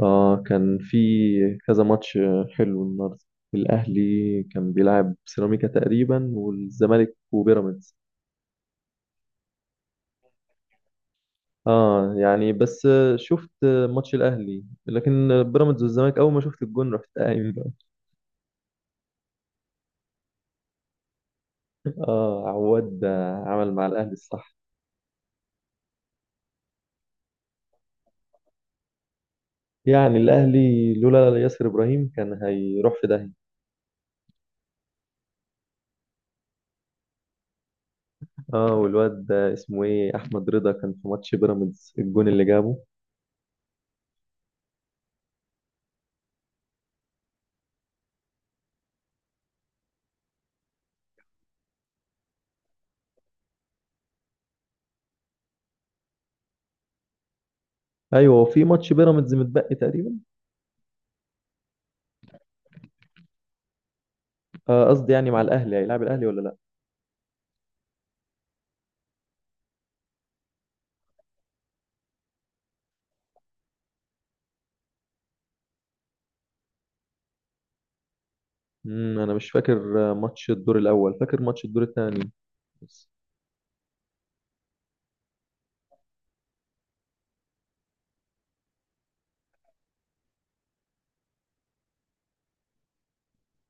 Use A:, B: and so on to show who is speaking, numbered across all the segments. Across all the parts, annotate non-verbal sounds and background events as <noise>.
A: اه كان في كذا ماتش حلو النهارده. الاهلي كان بيلعب سيراميكا تقريبا، والزمالك وبيراميدز. اه يعني بس شفت ماتش الاهلي، لكن بيراميدز والزمالك اول ما شفت الجون رحت قايم بقى. <laughs> اه عواد عمل مع الاهلي الصح. يعني الاهلي لولا ياسر ابراهيم كان هيروح في داهيه. اه والواد ده اسمه ايه، احمد رضا، كان في ماتش بيراميدز الجون اللي جابه. ايوه، وفي ماتش بيراميدز متبقي تقريبا. آه، قصدي يعني مع الاهلي، هيلعب الاهلي ولا لا؟ انا مش فاكر ماتش الدور الاول، فاكر ماتش الدور الثاني بس.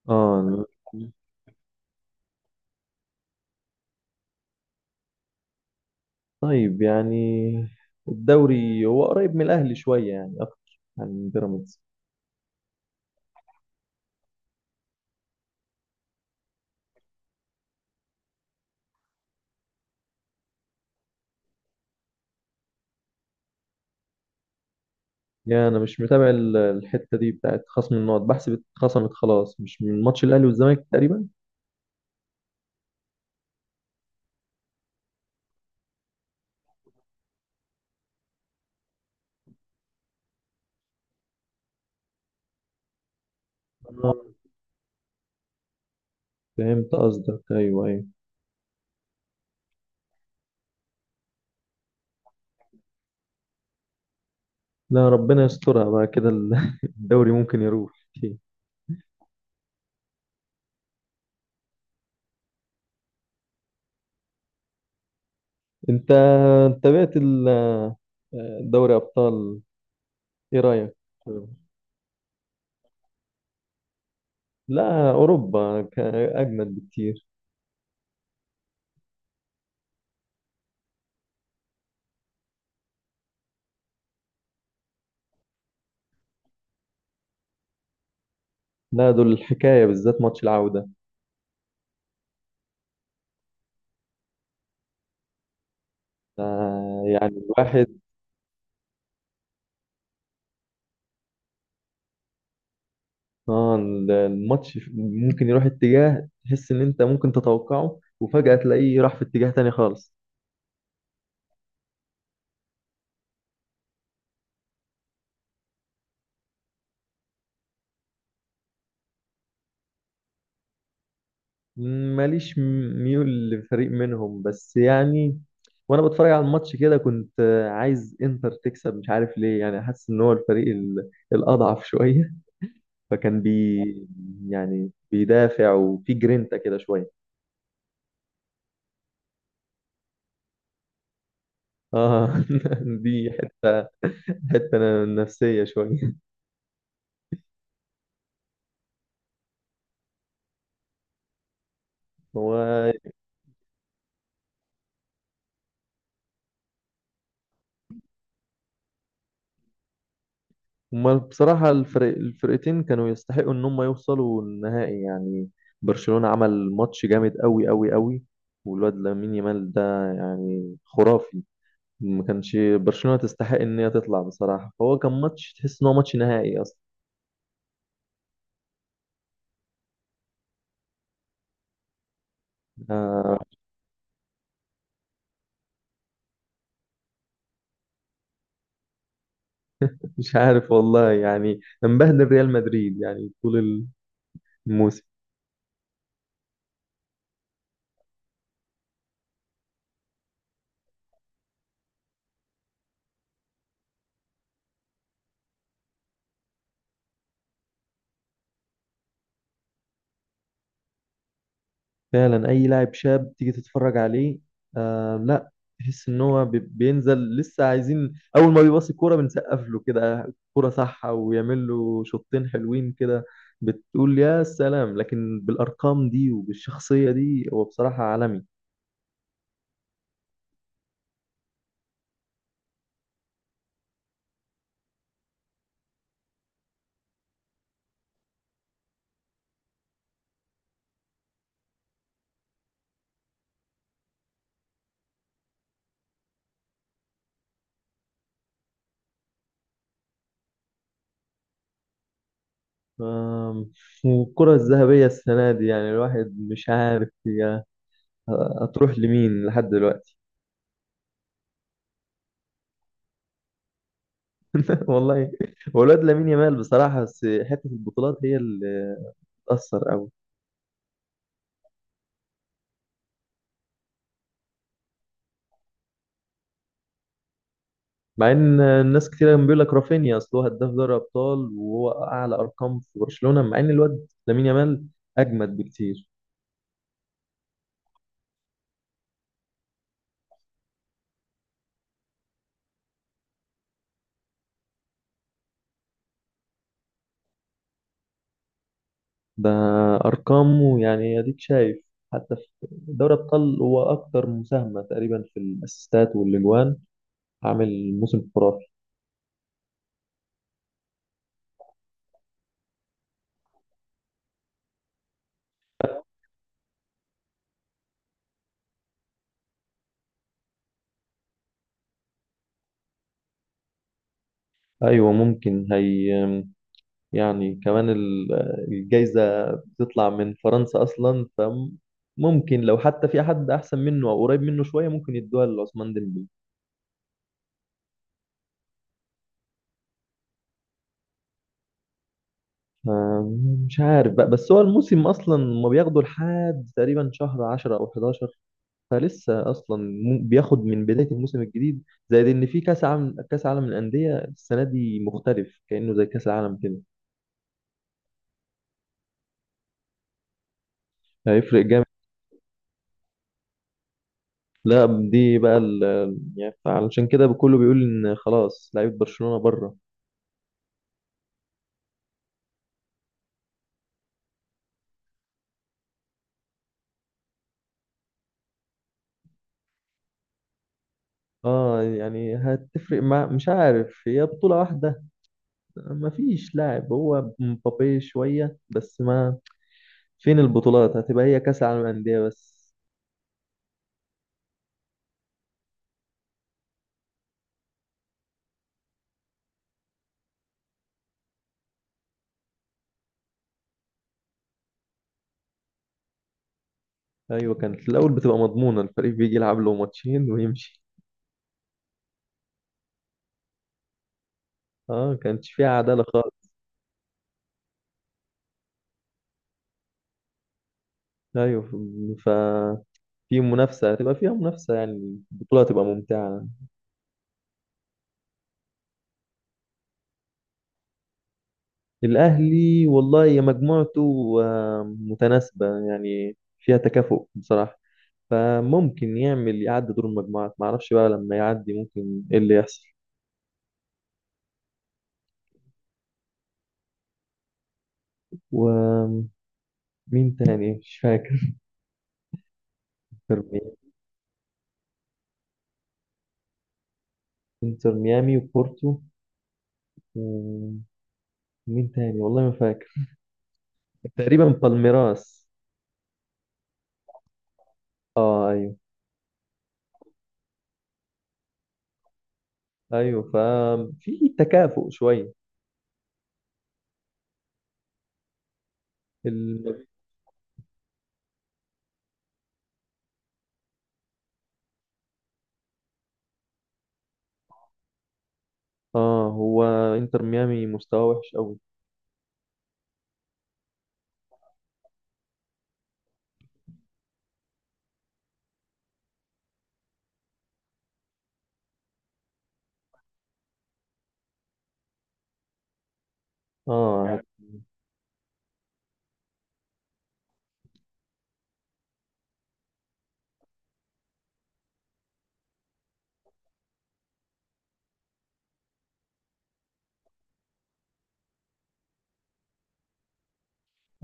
A: اه طيب يعني الدوري هو قريب من الاهلي شويه، يعني اكتر عن بيراميدز. يعني انا مش متابع الحته دي بتاعت خصم النقط، بحسب اتخصمت خلاص مش من ماتش الاهلي والزمالك تقريبا. آه، فهمت قصدك، ايوه ايوه. لا ربنا يسترها بقى كده <laughs> الدوري ممكن يروح. انت تابعت دوري ابطال؟ ايه رايك؟ لا أوروبا أجمد بكتير. لا دول الحكاية، بالذات ماتش العودة ده. يعني الواحد آه الماتش ممكن يروح اتجاه تحس إن أنت ممكن تتوقعه، وفجأة تلاقيه راح في اتجاه تاني خالص. ماليش ميول لفريق منهم، بس يعني وأنا بتفرج على الماتش كده كنت عايز إنتر تكسب، مش عارف ليه، يعني حاسس إن هو الفريق الأضعف <laughs> شوية. فكان بي يعني بيدافع وفي جرينتا كده شوية. اه <laughs> دي حتة نفسية شوية. هو هما بصراحة الفرقتين كانوا يستحقوا ان هم يوصلوا النهائي يعني. برشلونة عمل ماتش جامد قوي قوي قوي. والواد لامين يامال ده يعني خرافي. ما كانش برشلونة تستحق ان هي تطلع بصراحة، فهو كان ماتش تحس ان هو ماتش نهائي اصلا. آه مش عارف والله، يعني مبهدل ريال مدريد يعني طول الموسم. فعلا اي لاعب شاب تيجي تتفرج عليه آه لا تحس ان هو بينزل لسه عايزين، اول ما بيباص الكوره بنسقف له كده كوره صح، ويعمل له شوطين حلوين كده بتقول يا سلام. لكن بالارقام دي وبالشخصيه دي هو بصراحه عالمي. آم، والكره الذهبيه السنه دي يعني الواحد مش عارف هي هتروح لمين لحد دلوقتي. <laughs> والله هو الواد لامين يامال بصراحه، بس حته البطولات هي اللي بتاثر قوي. مع ان الناس كتير كان بيقول لك رافينيا، اصل هو هداف دوري ابطال وهو اعلى ارقام في برشلونه، مع ان الواد لامين يامال اجمد بكتير. ده ارقامه يعني اديك شايف، حتى في دوري ابطال هو اكتر مساهمه تقريبا في الاسيستات والاجوان، عامل موسم خرافي. ايوه ممكن هي يعني كمان الجايزه بتطلع من فرنسا اصلا، فممكن لو حتى في حد احسن منه او قريب منه شويه ممكن يدوها لعثمان ديمبلي. آه، مش عارف بقى، بس هو الموسم اصلا ما بياخدوا لحد تقريبا شهر 10 او 11، فلسه اصلا بياخد من بدايه الموسم الجديد. زائد ان في كاس عالم، كاس عالم للانديه السنه دي مختلف كانه زي كاس العالم كده. هيفرق جامد. لا دي بقى يعني علشان كده كله بيقول ان خلاص لعيبه برشلونه بره. اه يعني هتفرق، مع مش عارف هي بطوله واحده، ما فيش لاعب هو مبابي شويه بس ما فين البطولات، هتبقى هي كاس العالم للانديه بس. ايوه كانت في الاول بتبقى مضمونه، الفريق بيجي يلعب له ماتشين ويمشي. اه كانتش فيها عداله خالص. ايوه ففي منافسه، هتبقى فيها منافسه، يعني البطوله هتبقى ممتعه. الاهلي والله يا مجموعته آه، متناسبه يعني فيها تكافؤ بصراحه، فممكن يعمل يعدي دور المجموعات، معرفش بقى لما يعدي ممكن ايه اللي يحصل. ومين تاني مش فاكر. انتر ميامي وبورتو و- مين تاني والله ما فاكر، تقريبا بالميراس. اه ايوه ايوه. تكافؤ شويه ال... اه هو انتر ميامي مستواه وحش قوي. اه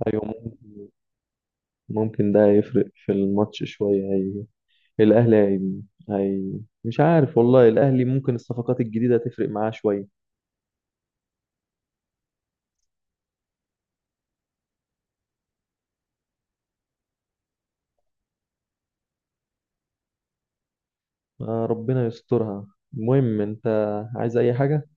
A: ايوه ممكن ممكن ده يفرق في الماتش شويه. الاهلي مش عارف والله الاهلي ممكن الصفقات الجديده تفرق معاه شويه. آه ربنا يسترها. المهم انت عايز اي حاجه؟